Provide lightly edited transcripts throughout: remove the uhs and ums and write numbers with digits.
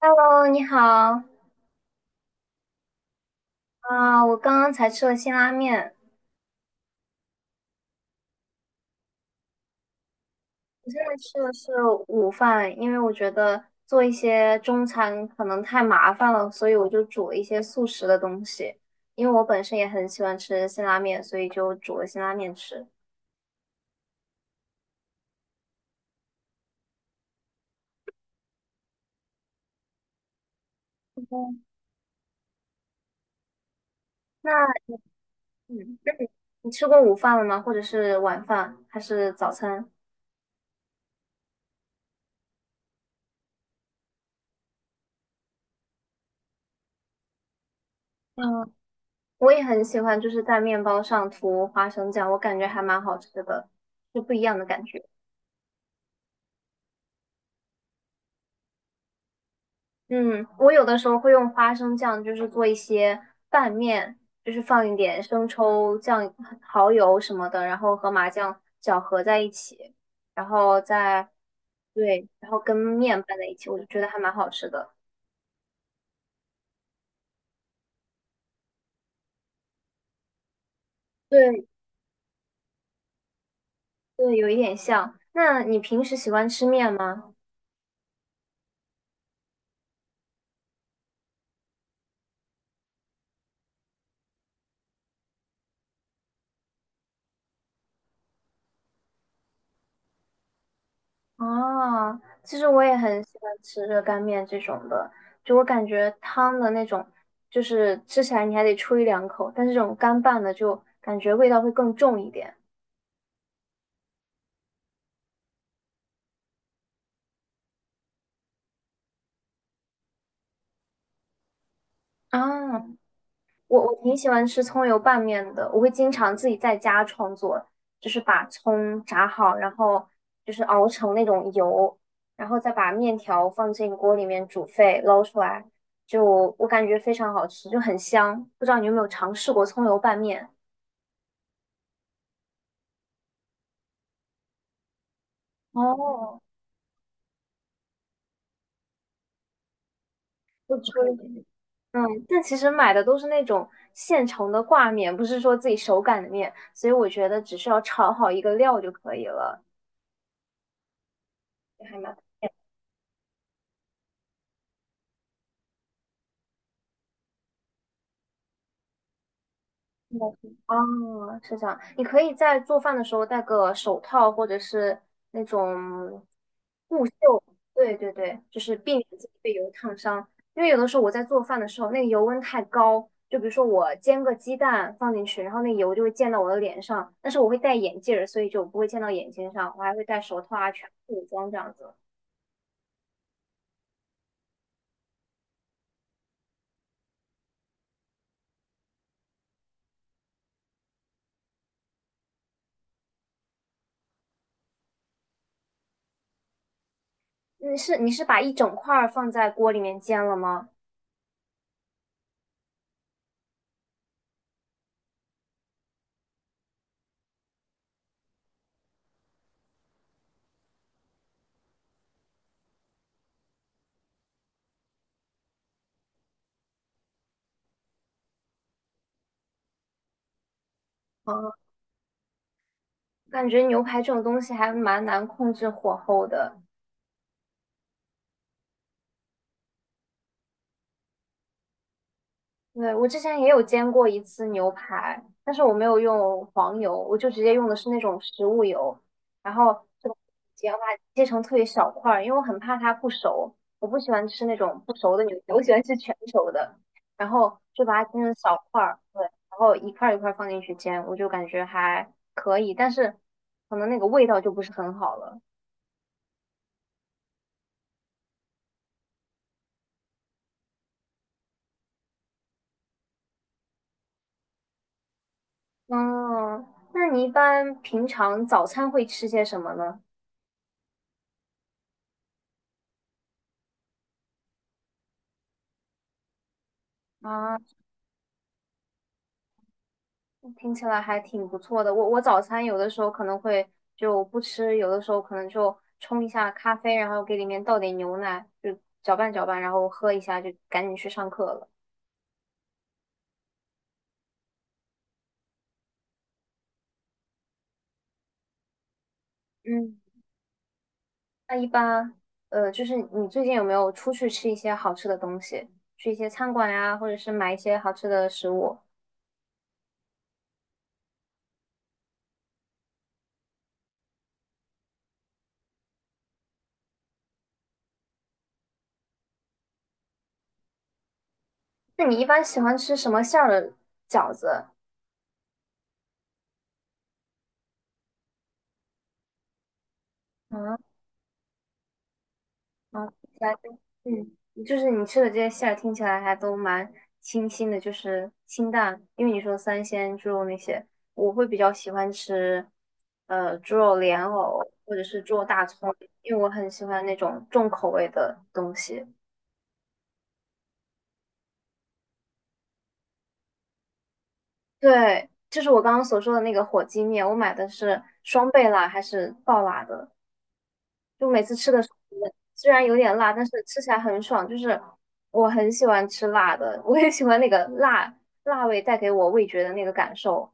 Hello，你好啊！我刚刚才吃了辛拉面，我现在吃的是午饭，因为我觉得做一些中餐可能太麻烦了，所以我就煮了一些速食的东西。因为我本身也很喜欢吃辛拉面，所以就煮了辛拉面吃。嗯，那嗯，你吃过午饭了吗？或者是晚饭，还是早餐？嗯我也很喜欢，就是在面包上涂花生酱，我感觉还蛮好吃的，就不一样的感觉。嗯，我有的时候会用花生酱，就是做一些拌面，就是放一点生抽、酱、蚝油什么的，然后和麻酱搅和在一起，然后再，对，然后跟面拌在一起，我就觉得还蛮好吃的。对，对，有一点像。那你平时喜欢吃面吗？哦，其实我也很喜欢吃热干面这种的，就我感觉汤的那种，就是吃起来你还得吹两口，但是这种干拌的就感觉味道会更重一点。啊，我挺喜欢吃葱油拌面的，我会经常自己在家创作，就是把葱炸好，然后就是熬成那种油，然后再把面条放进锅里面煮沸，捞出来，就我感觉非常好吃，就很香。不知道你有没有尝试过葱油拌面？哦，不吹，嗯，但其实买的都是那种现成的挂面，不是说自己手擀的面，所以我觉得只需要炒好一个料就可以了，也还蛮。哦，是这样。你可以在做饭的时候戴个手套，或者是那种护袖。对对对，就是避免自己被油烫伤。因为有的时候我在做饭的时候，那个油温太高，就比如说我煎个鸡蛋放进去，然后那油就会溅到我的脸上。但是我会戴眼镜儿，所以就不会溅到眼睛上。我还会戴手套啊，全副武装这样子。你是把一整块儿放在锅里面煎了吗？哦，感觉牛排这种东西还蛮难控制火候的。对，我之前也有煎过一次牛排，但是我没有用黄油，我就直接用的是那种食物油，然后就煎把它切成特别小块儿，因为我很怕它不熟，我不喜欢吃那种不熟的牛排，我喜欢吃全熟的，然后就把它切成小块儿，对，然后一块儿一块儿放进去煎，我就感觉还可以，但是可能那个味道就不是很好了。嗯，那你一般平常早餐会吃些什么呢？啊。听起来还挺不错的。我早餐有的时候可能会就不吃，有的时候可能就冲一下咖啡，然后给里面倒点牛奶，就搅拌搅拌，然后喝一下，就赶紧去上课了。嗯。那一般，就是你最近有没有出去吃一些好吃的东西，去一些餐馆呀，或者是买一些好吃的食物？那你一般喜欢吃什么馅儿的饺子？嗯。啊，听起来就就是你吃的这些馅儿听起来还都蛮清新的，就是清淡。因为你说三鲜猪肉那些，我会比较喜欢吃，猪肉莲藕或者是猪肉大葱，因为我很喜欢那种重口味的东西。对，就是我刚刚所说的那个火鸡面，我买的是双倍辣还是爆辣的？就每次吃的时候，虽然有点辣，但是吃起来很爽。就是我很喜欢吃辣的，我也喜欢那个辣味带给我味觉的那个感受。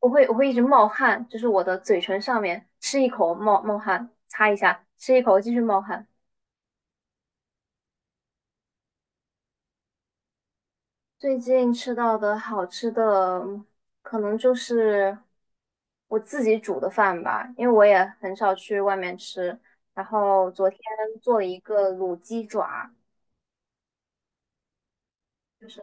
我会一直冒汗，就是我的嘴唇上面吃一口冒冒汗，擦一下，吃一口继续冒汗。最近吃到的好吃的，可能就是我自己煮的饭吧，因为我也很少去外面吃。然后昨天做了一个卤鸡爪。就是。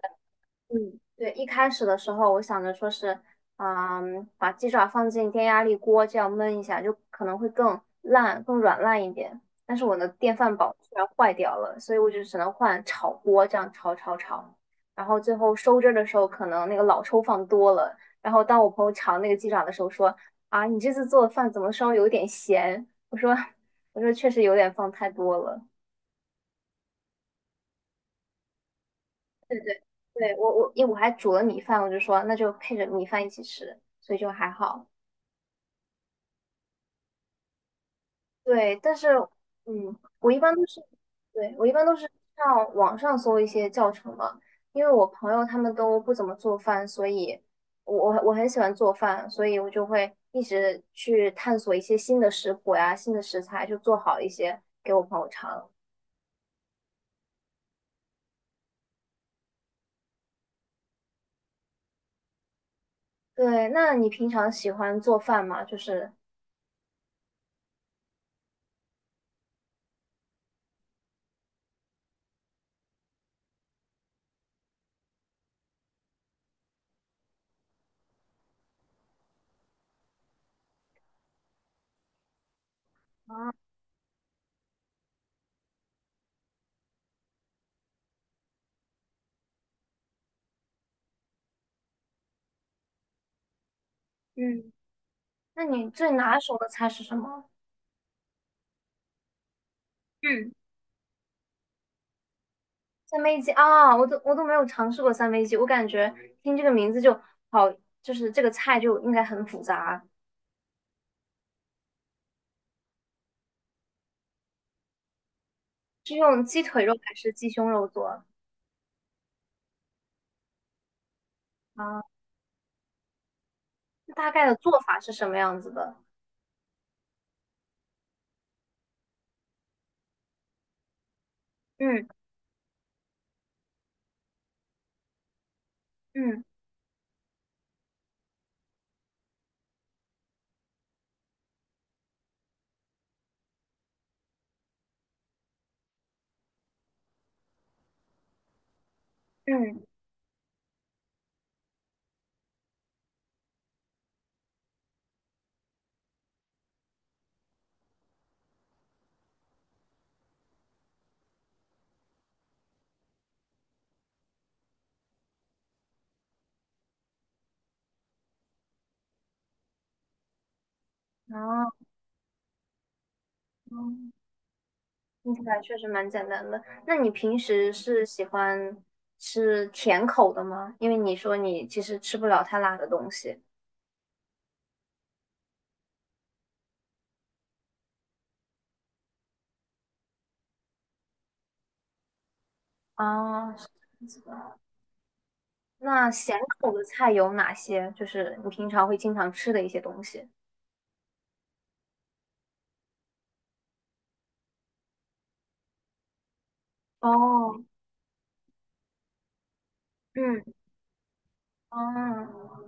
嗯，对，一开始的时候我想着说是，嗯，把鸡爪放进电压力锅这样焖一下，就可能会更烂、更软烂一点。但是我的电饭煲居然坏掉了，所以我就只能换炒锅这样炒炒炒。然后最后收汁儿的时候，可能那个老抽放多了。然后当我朋友尝那个鸡爪的时候说："啊，你这次做的饭怎么稍微有点咸？"我说： 我说确实有点放太多了。"对对对，我因为我还煮了米饭，我就说那就配着米饭一起吃，所以就还好。对，但是我一般都是，对，我一般都是上网上搜一些教程嘛，因为我朋友他们都不怎么做饭，所以我很喜欢做饭，所以我就会一直去探索一些新的食谱呀、新的食材，就做好一些给我朋友尝。对，那你平常喜欢做饭吗？就是啊，嗯，那你最拿手的菜是什么？嗯。三杯鸡啊，我都没有尝试过三杯鸡，我感觉听这个名字就好，就是这个菜就应该很复杂，是用鸡腿肉还是鸡胸肉做啊？大概的做法是什么样子的？嗯嗯嗯，啊，嗯听起来确实蛮简单的。那你平时是喜欢吃甜口的吗？因为你说你其实吃不了太辣的东西啊。是这样子的。那咸口的菜有哪些？就是你平常会经常吃的一些东西。哦，嗯，哦，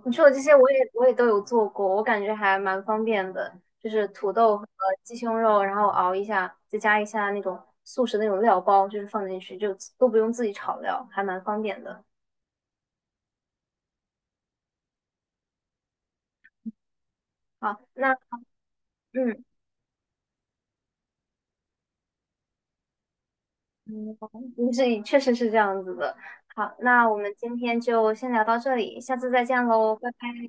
你说的这些我也都有做过，我感觉还蛮方便的，就是土豆和鸡胸肉，然后熬一下，再加一下那种速食那种料包，就是放进去，就都不用自己炒料，还蛮方便的。好，那嗯嗯，你是确实是这样子的。好，那我们今天就先聊到这里，下次再见喽，拜拜。